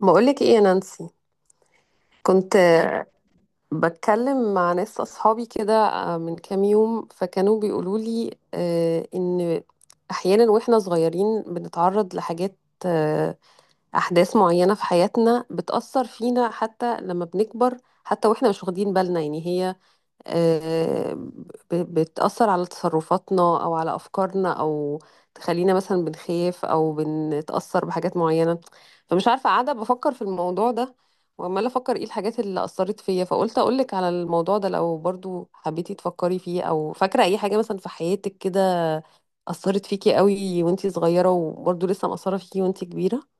بقولك ايه يا نانسي؟ كنت بتكلم مع ناس اصحابي كده من كام يوم فكانوا بيقولوا لي ان احيانا واحنا صغيرين بنتعرض لحاجات آه، احداث معينة في حياتنا بتأثر فينا حتى لما بنكبر حتى واحنا مش واخدين بالنا يعني هي آه، بتأثر على تصرفاتنا أو على أفكارنا أو تخلينا مثلا بنخاف أو بنتأثر بحاجات معينة، فمش عارفة قاعدة بفكر في الموضوع ده وعمالة أفكر إيه الحاجات اللي أثرت فيا، فقلت أقولك على الموضوع ده لو برضو حبيتي تفكري فيه، أو فاكرة أي حاجة مثلا في حياتك كده أثرت فيكي قوي وانتي صغيرة وبرضو لسه مأثرة فيكي وانتي كبيرة.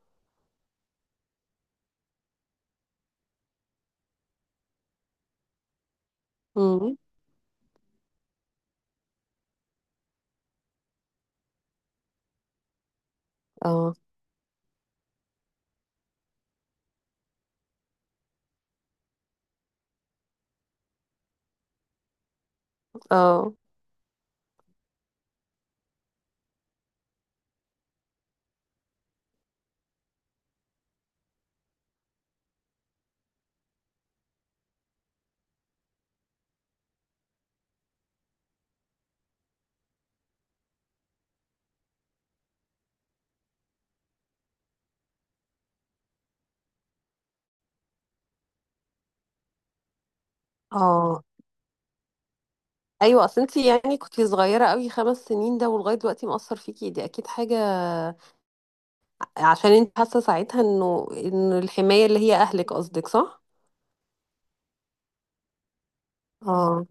مم. اه اه اه. ايوه، اصل انت يعني كنتي صغيره قوي، 5 سنين ده ولغايه دلوقتي مأثر فيكي، دي اكيد حاجه، عشان انت حاسه ساعتها انه ان الحمايه اللي هي اهلك، قصدك؟ صح. اه.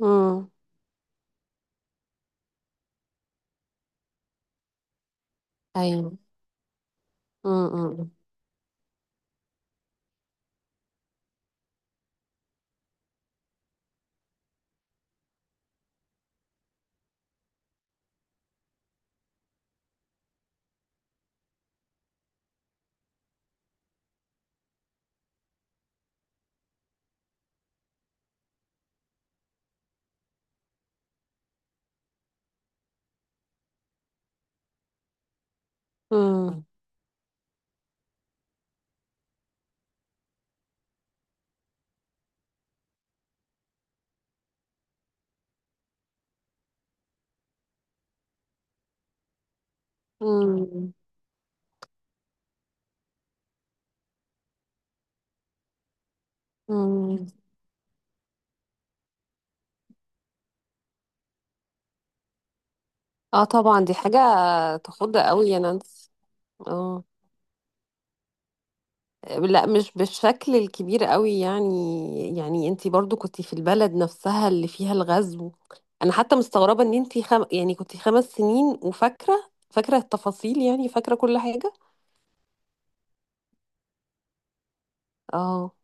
امم. ايوه. امم. امم. امم. امم. اه طبعا، دي حاجه تخض قوي يا نانسي. اه، لا مش بالشكل الكبير قوي، يعني انتي برضو كنتي في البلد نفسها اللي فيها الغزو. انا حتى مستغربة ان انتي يعني كنتي 5 سنين وفاكرة فاكرة التفاصيل، يعني فاكرة كل حاجة. اه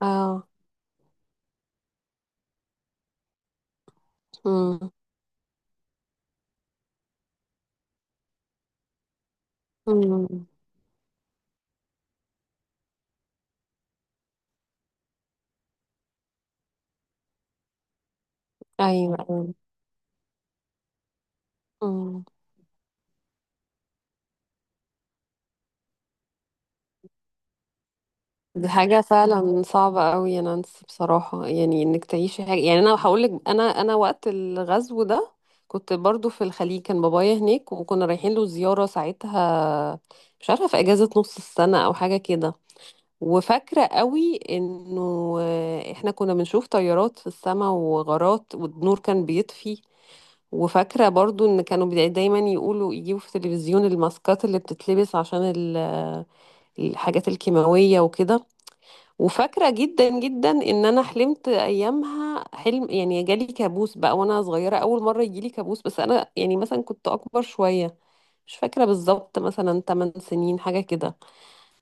اه. امم امم. ايوه ايوه. امم. دي حاجة فعلا صعبة قوي يا نانسي بصراحة، يعني انك تعيشي حاجة، يعني انا هقولك، انا وقت الغزو ده كنت برضو في الخليج، كان بابايا هناك وكنا رايحين له زيارة ساعتها، مش عارفة في اجازة نص السنة او حاجة كده، وفاكرة قوي انه احنا كنا بنشوف طيارات في السماء وغارات، والنور كان بيطفي، وفاكرة برضو ان كانوا دايما يقولوا يجيبوا في التلفزيون الماسكات اللي بتتلبس عشان الحاجات الكيماوية وكده. وفاكرة جدا جدا ان انا حلمت ايامها حلم، يعني جالي كابوس بقى وانا صغيرة، اول مرة يجيلي كابوس، بس انا يعني مثلا كنت اكبر شوية، مش فاكرة بالظبط، مثلا 8 سنين حاجة كده.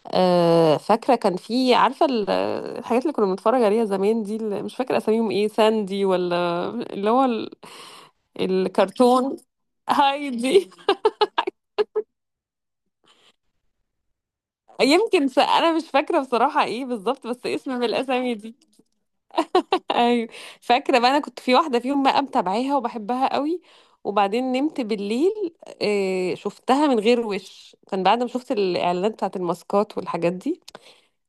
أه فاكرة كان في، عارفة الحاجات اللي كنا بنتفرج عليها زمان دي، اللي مش فاكرة اساميهم ايه، ساندي ولا اللي هو الكرتون هايدي؟ يمكن انا مش فاكرة بصراحة ايه بالظبط بس اسم من الاسامي دي. ايوه، فاكره بقى انا كنت في واحده فيهم بقى متابعاها وبحبها قوي، وبعدين نمت بالليل شفتها من غير وش، كان بعد ما شفت الاعلانات بتاعت الماسكات والحاجات دي،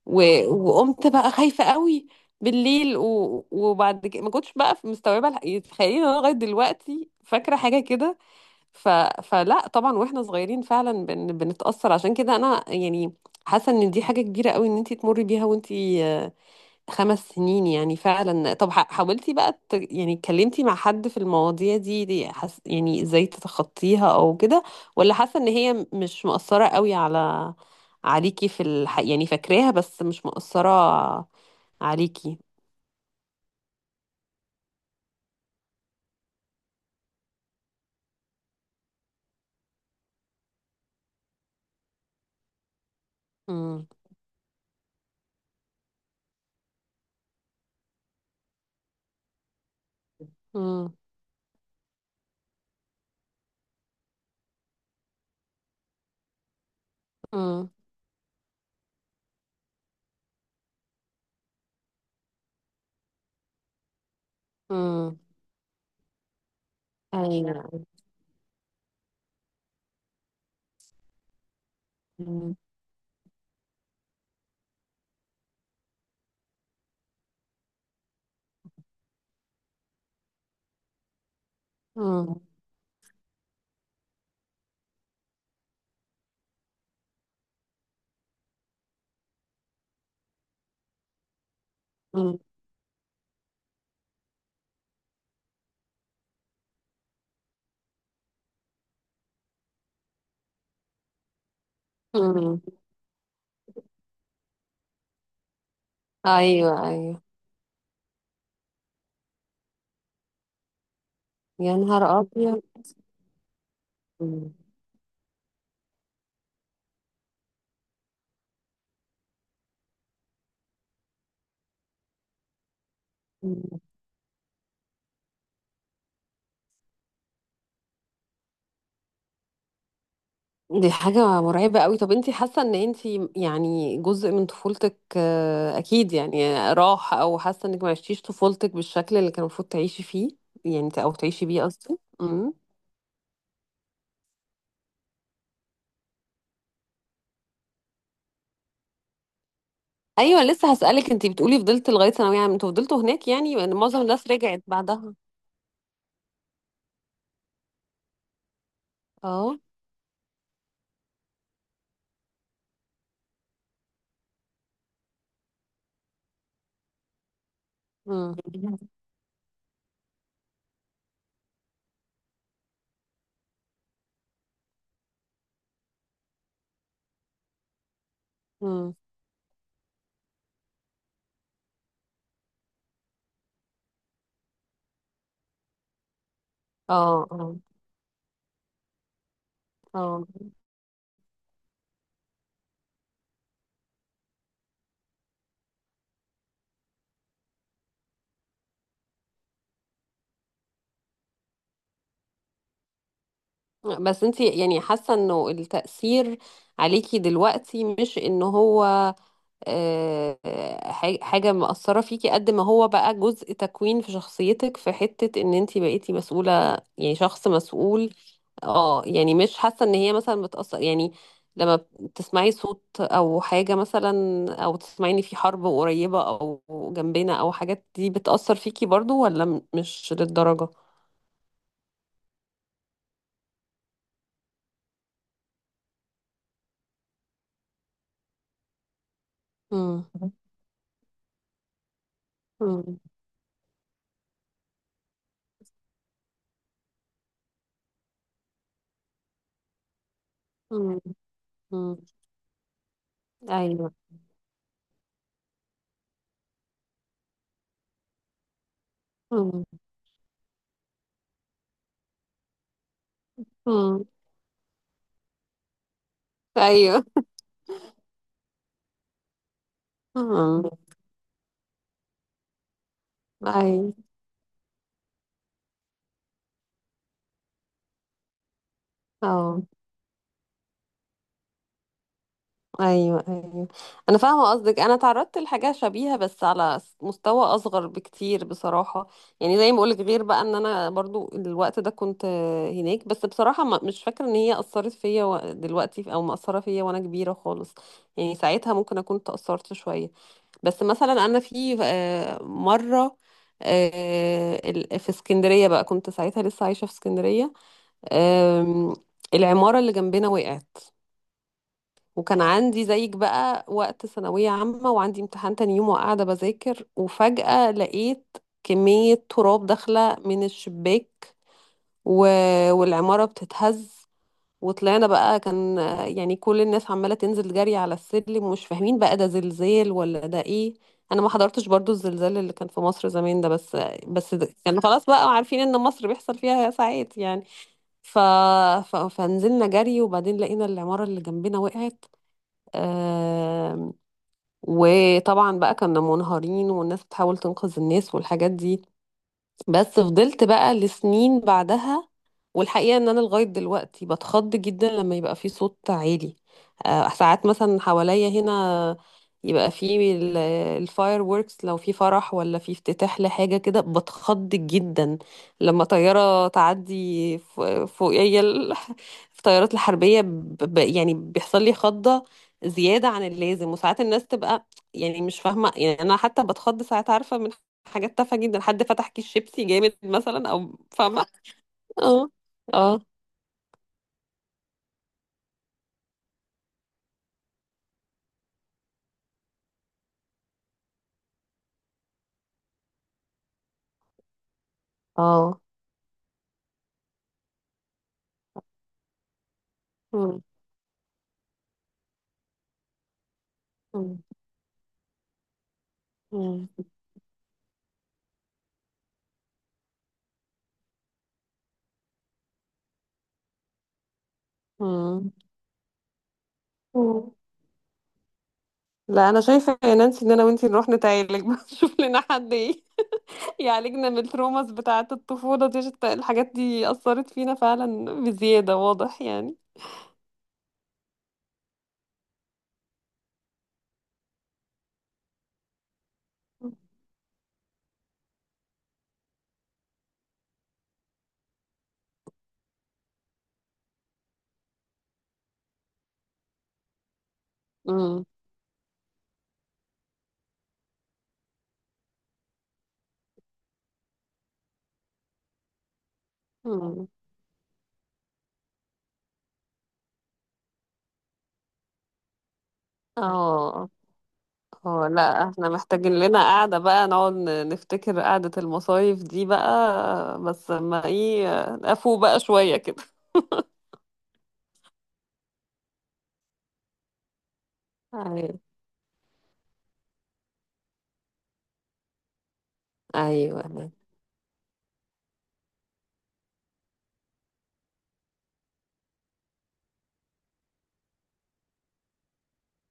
وقمت بقى خايفه قوي بالليل، وبعد كده ما كنتش بقى مستوعبه تخيلي ان انا لغايه دلوقتي فاكره حاجه كده. ف... فلا طبعا واحنا صغيرين فعلا بنتاثر، عشان كده انا يعني حاسه ان دي حاجه كبيره قوي ان انت تمري بيها وانت 5 سنين يعني. فعلا، طب حاولتي بقى يعني اتكلمتي مع حد في المواضيع دي يعني ازاي تتخطيها او كده، ولا حاسة ان هي مش مؤثرة قوي عليكي في يعني فاكراها بس مش مؤثرة عليكي؟ امم. امم. امم. امم. ايوه. امم. امم. امم. ايوه ايوه. يا نهار ابيض. مم. دي حاجة مرعبة قوي. طب انتي حاسة ان انتي يعني جزء من طفولتك اكيد يعني راح، او حاسة انك ما عشتيش طفولتك بالشكل اللي كان المفروض تعيشي فيه، يعني او تعيشي بيه، قصدي. امم. ايوه لسه هسألك، انتي بتقولي فضلت لغاية ثانوية عامة، انتوا فضلتوا هناك يعني؟ لأن معظم الناس رجعت بعدها. اه. امم. امم. اه اه اه. بس انتي يعني حاسة انه التأثير عليكي دلوقتي مش ان هو آه، حاجة مأثرة فيكي، قد ما هو بقى جزء تكوين في شخصيتك، في حتة ان انتي بقيتي مسؤولة، يعني شخص مسؤول. اه، يعني مش حاسة ان هي مثلا بتأثر، يعني لما تسمعي صوت او حاجة مثلا، او تسمعي ان في حرب قريبة او جنبنا او حاجات دي بتأثر فيكي برضو، ولا مش للدرجة؟ امم. امم. امم. امم. ايوه. امم. امم. ايوه. امم. ايوه. اه. ايوه ايوه. انا فاهمه قصدك، انا تعرضت لحاجه شبيهه بس على مستوى اصغر بكتير بصراحه، يعني زي ما بقولك، غير بقى ان انا برضو الوقت ده كنت هناك، بس بصراحه مش فاكره ان هي اثرت فيا دلوقتي او مأثره فيا وانا كبيره خالص، يعني ساعتها ممكن اكون تأثرت شويه. بس مثلا انا في مره في اسكندريه بقى، كنت ساعتها لسه عايشه في اسكندريه، آم، العماره اللي جنبنا وقعت، وكان عندي زيك بقى وقت ثانوية عامة وعندي امتحان تاني يوم، وقاعدة بذاكر، وفجأة لقيت كمية تراب داخلة من الشباك، و... والعمارة بتتهز، وطلعنا بقى، كان يعني كل الناس عمالة تنزل جري على السلم، ومش فاهمين بقى ده زلزال ولا ده ايه. انا ما حضرتش برضو الزلزال اللي كان في مصر زمان ده، بس ده كان خلاص بقى عارفين ان مصر بيحصل فيها ساعات يعني. ف... فنزلنا جري، وبعدين لقينا العمارة اللي جنبنا وقعت، آم، وطبعا بقى كنا منهارين، والناس بتحاول تنقذ الناس والحاجات دي. بس فضلت بقى لسنين بعدها، والحقيقة ان انا لغاية دلوقتي بتخض جدا لما يبقى في صوت عالي، ساعات مثلا حواليا هنا يبقى في الفاير ووركس لو في فرح ولا في افتتاح لحاجة كده، بتخض جدا. لما طيارة تعدي فوقيا في الطيارات الحربية يعني بيحصل لي خضة زيادة عن اللازم. وساعات الناس تبقى يعني مش فاهمة، يعني أنا حتى بتخض ساعات، عارفة، من حاجات تافهة جدًا، حد فتح كيس شيبسي جامد مثلًا، أو فاهمة؟ آه، آه، آه، إمم. إمم. إمم. إمم. إمم. لأ أنا شايفة يا نانسي إن أنا وأنتِ نروح نتعالج بقى، نشوف لنا حد يعالجنا من الtraumas بتاعة الطفولة دي، عشان الحاجات دي أثّرت فينا فعلًا بزيادة، واضح يعني. إمم. إمم. آه. هو لا احنا محتاجين لنا قعدة بقى، نقعد نفتكر قعدة المصايف دي بقى، بس ما ايه، افو بقى شوية كده. ايوه ايوه.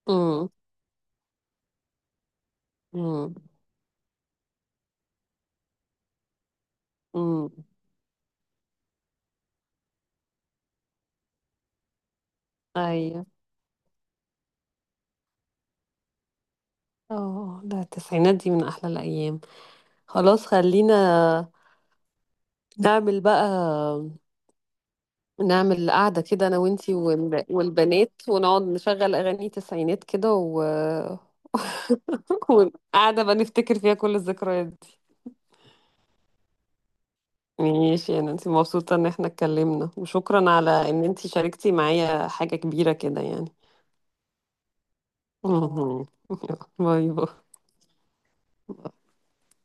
امم امم امم. ايوه. اه ده التسعينات دي من احلى الايام. خلاص خلينا نعمل بقى، نعمل قعدة كده انا وانتي والبنات، ونقعد نشغل اغاني تسعينات كده وقعدة بقى نفتكر فيها كل الذكريات. ماشي، انا انت مبسوطة ان احنا اتكلمنا، وشكرا على ان انت شاركتي معايا حاجة كبيرة كده يعني. باي باي.